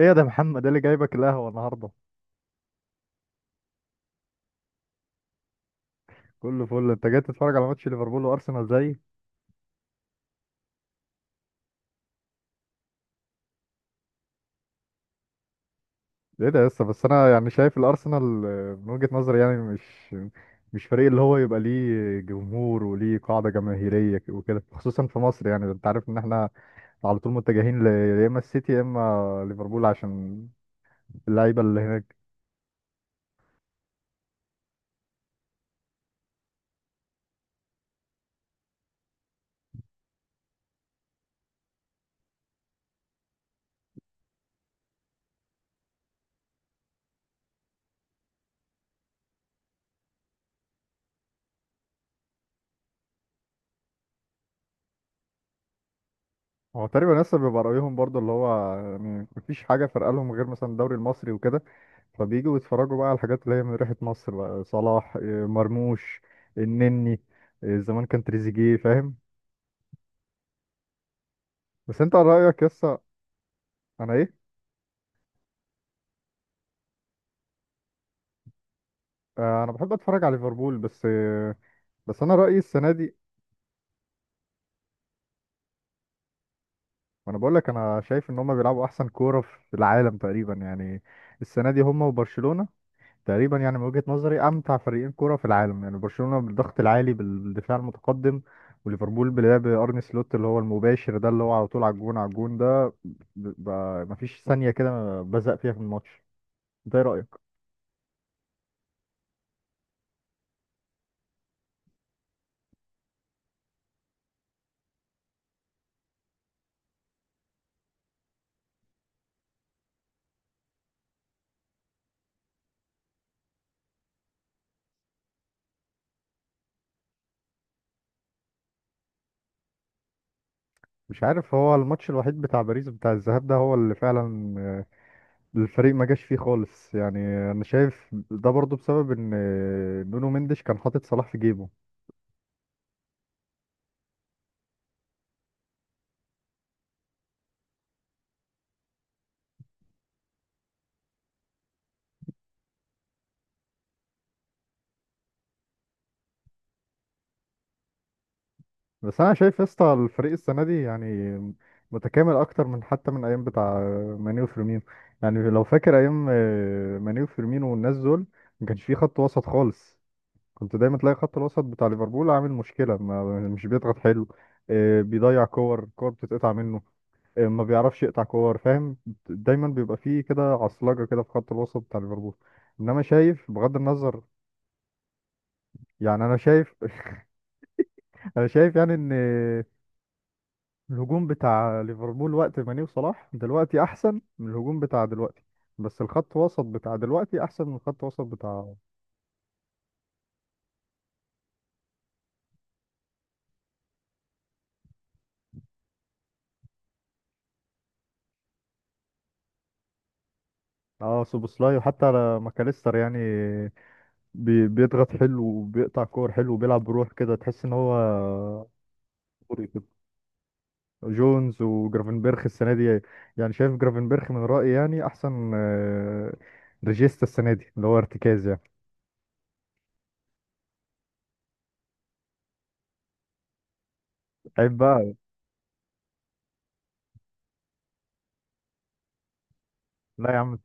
ايه يا ده يا محمد ده اللي جايبك القهوه النهارده؟ كله فل. انت جاي تتفرج على ماتش ليفربول وارسنال؟ زي ايه ده لسه. بس انا شايف الارسنال من وجهه نظري يعني مش فريق اللي هو يبقى ليه جمهور وليه قاعده جماهيريه وكده، خصوصا في مصر. يعني انت عارف ان احنا على طول متجهين يا اما السيتي يا اما ليفربول، عشان اللعيبه اللي هناك. هو تقريبا لسه بيبقى رايهم برضو، اللي هو يعني مفيش حاجه فارقه لهم غير مثلا الدوري المصري وكده، فبيجوا بيتفرجوا بقى على الحاجات اللي هي من ريحة مصر بقى، صلاح مرموش، النني، زمان كان تريزيجيه، فاهم؟ بس انت رأيك يسا. انا ايه؟ انا بحب اتفرج على ليفربول بس. بس انا رأيي السنة دي، وانا بقول لك انا شايف ان هم بيلعبوا احسن كورة في العالم تقريبا يعني. السنة دي هم وبرشلونة تقريبا، يعني من وجهة نظري امتع فريقين كرة في العالم. يعني برشلونة بالضغط العالي بالدفاع المتقدم، وليفربول بلعب ارني سلوت، اللي هو المباشر ده، اللي هو على طول على الجون، على الجون ده مفيش ثانية كده بزق فيها في الماتش ده. إيه رأيك؟ مش عارف، هو الماتش الوحيد بتاع باريس بتاع الذهاب ده هو اللي فعلا الفريق ما جاش فيه خالص يعني. انا شايف ده برضو بسبب ان نونو مندش كان حاطط صلاح في جيبه. بس انا شايف يا اسطى الفريق السنه دي يعني متكامل اكتر من حتى من ايام بتاع ماني وفيرمينو. يعني لو فاكر ايام ماني وفيرمينو والناس دول، ما كانش فيه خط وسط خالص. كنت دايما تلاقي خط الوسط بتاع ليفربول عامل مشكله. ما مش بيضغط حلو، بيضيع كور، كور بتتقطع منه، ما بيعرفش يقطع كور، فاهم؟ دايما بيبقى فيه كده عصلجه كده في خط الوسط بتاع ليفربول. انما شايف بغض النظر، يعني انا شايف انا شايف يعني ان الهجوم بتاع ليفربول وقت ماني وصلاح دلوقتي احسن من الهجوم بتاع دلوقتي، بس الخط وسط بتاع دلوقتي احسن من الخط وسط بتاع. اه سوبوسلاي وحتى على ماكاليستر يعني بيضغط حلو وبيقطع كور حلو وبيلعب بروح كده تحس ان هو كوري كده. جونز وجرافنبرخ السنه دي، يعني شايف جرافنبرخ من رايي يعني احسن ريجيستا السنه دي، اللي هو ارتكاز يعني. عيب بقى. لا يا عم.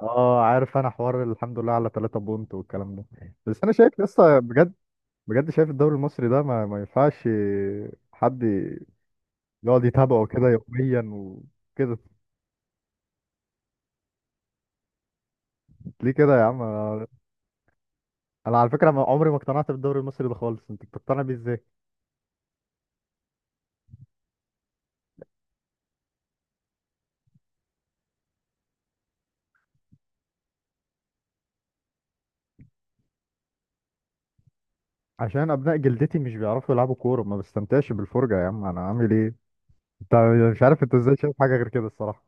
اه عارف، انا حوار الحمد لله على 3 بونت والكلام ده. بس انا شايف لسه بجد، بجد شايف الدوري المصري ده ما ينفعش حد يقعد يتابعه كده يوميا وكده. ليه كده يا عم؟ انا أنا على فكره عمري ما اقتنعت بالدوري المصري ده خالص. انت بتقتنع بيه ازاي؟ عشان ابناء جلدتي مش بيعرفوا يلعبوا كوره، ما بستمتعش بالفرجه يا عم، انا عامل ايه؟ انت مش عارف انت ازاي شايف حاجه غير كده الصراحه.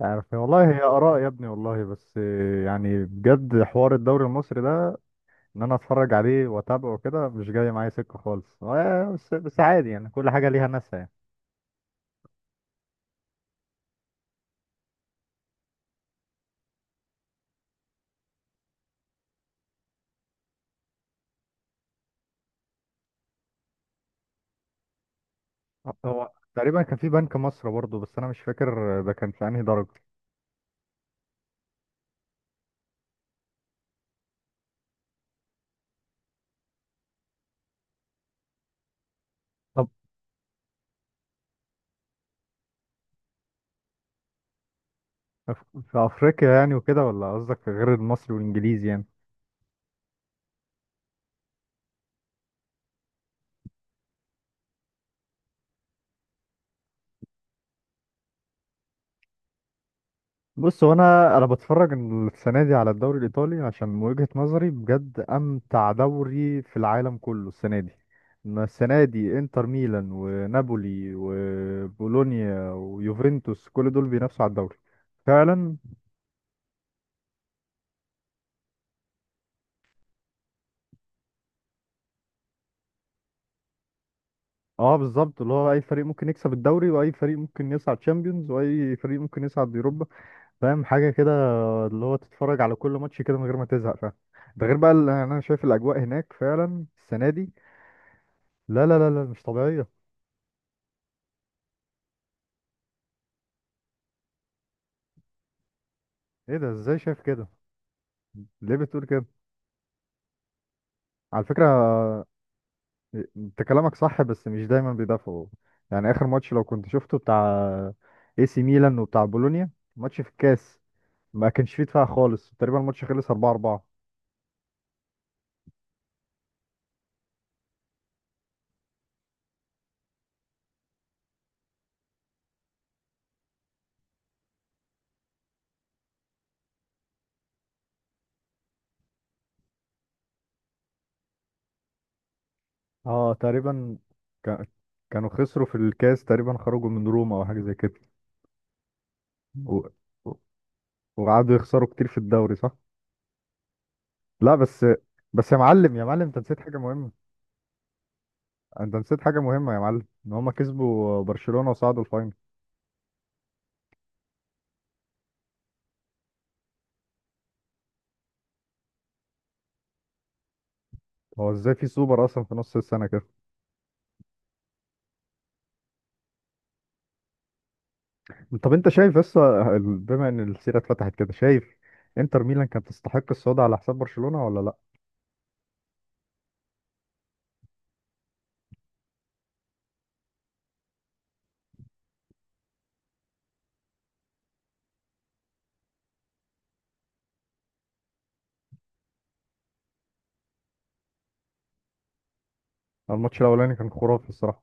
عارف والله هي اراء يا ابني والله. بس يعني بجد حوار الدوري المصري ده ان انا اتفرج عليه واتابعه كده مش جاي معايا سكه خالص. بس بس عادي، يعني كل حاجه ليها ناسها يعني. هو تقريبا كان في بنك مصر برضه، بس انا مش فاكر ده كان في انهي درجه. طب في افريقيا يعني وكده، ولا قصدك في غير المصري والانجليزي يعني؟ بص، هو انا بتفرج السنه دي على الدوري الايطالي، عشان من وجهه نظري بجد امتع دوري في العالم كله السنه دي. ما السنه دي انتر ميلان ونابولي وبولونيا ويوفنتوس، كل دول بينافسوا على الدوري فعلا. اه بالظبط، اللي هو اي فريق ممكن يكسب الدوري واي فريق ممكن يصعد تشامبيونز واي فريق ممكن يصعد يوروبا، فاهم حاجه كده؟ اللي هو تتفرج على كل ماتش كده من غير ما تزهق، فاهم؟ ده غير بقى اللي انا شايف الاجواء هناك فعلا السنه دي، لا لا لا لا، مش طبيعيه. ايه ده ازاي شايف كده؟ ليه بتقول كده؟ على فكره انت كلامك صح، بس مش دايما بيدافعوا. يعني اخر ماتش لو كنت شفته، بتاع اي سي ميلان وبتاع بولونيا، ماتش في الكاس، ما كانش فيه دفاع خالص تقريبا، الماتش خلص 4-4. اه تقريبا كا- كانوا خسروا في الكاس تقريبا، خرجوا من روما او حاجه زي كده، و... و- وقعدوا يخسروا كتير في الدوري صح. لا بس، بس يا معلم، انت نسيت حاجه مهمه. انت نسيت حاجه مهمه يا معلم، ان هما كسبوا برشلونه وصعدوا الفاينل. هو ازاي في سوبر اصلا في نص السنه كده؟ طب انت شايف، بس بما ان السيره اتفتحت كده، شايف انتر ميلان كانت تستحق الصعود على حساب برشلونه ولا لا؟ الماتش الاولاني كان خرافي الصراحه.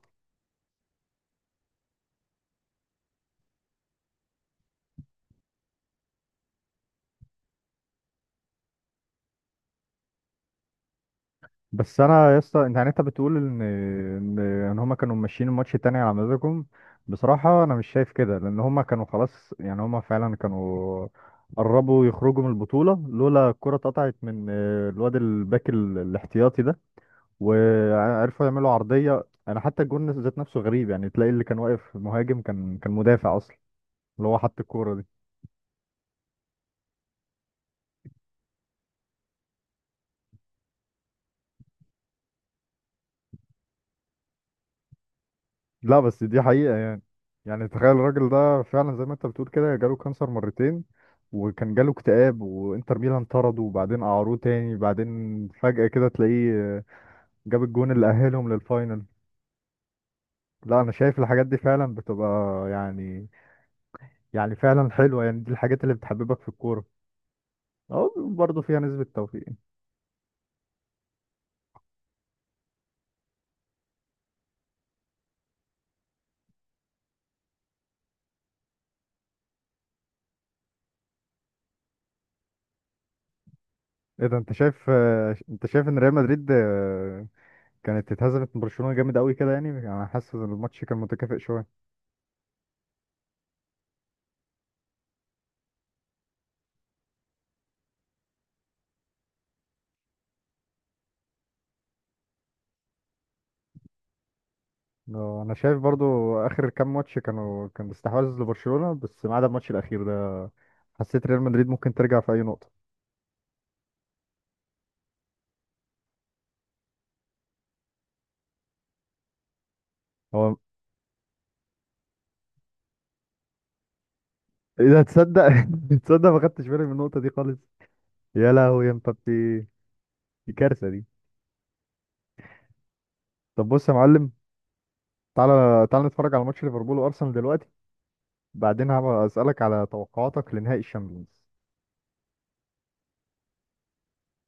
بس انا يا اسطى، انت يعني انت بتقول ان ان إن هما كانوا ماشيين الماتش التاني على مزاجهم. بصراحه انا مش شايف كده، لان هما كانوا خلاص يعني، هما فعلا كانوا قربوا يخرجوا من البطوله لولا الكره اتقطعت من الواد الباك الاحتياطي ده، وعرفوا يعملوا عرضيه. انا حتى الجون ذات نفسه غريب، يعني تلاقي اللي كان واقف مهاجم كان مدافع اصلا، اللي هو حط الكوره دي. لا بس دي حقيقة يعني. يعني تخيل الراجل ده فعلا زي ما انت بتقول كده، جاله كانسر مرتين، وكان جاله اكتئاب، وانتر ميلان طرده، وبعدين قعروه تاني، بعدين فجأة كده تلاقيه جاب الجون اللي أهلهم للفاينل. لا انا شايف الحاجات دي فعلا بتبقى يعني، يعني فعلا حلوة يعني، دي الحاجات اللي بتحببك في الكورة. اه برضه فيها نسبة توفيق. ايه ده انت شايف؟ انت شايف ان ريال مدريد كانت اتهزمت من برشلونة جامد قوي كده؟ يعني انا حاسس ان الماتش كان متكافئ شوية. انا شايف برضو اخر كام ماتش كانوا، كان استحواذ لبرشلونة، بس ما عدا الماتش الاخير ده حسيت ريال مدريد ممكن ترجع في اي نقطة. هو اذا تصدق، تصدق ما خدتش بالي من النقطة دي خالص. يا لهوي يا مبابي، دي كارثة دي. طب بص يا معلم، تعالى نتفرج على ماتش ليفربول وارسنال دلوقتي، بعدين هبقى اسالك على توقعاتك لنهائي الشامبيونز.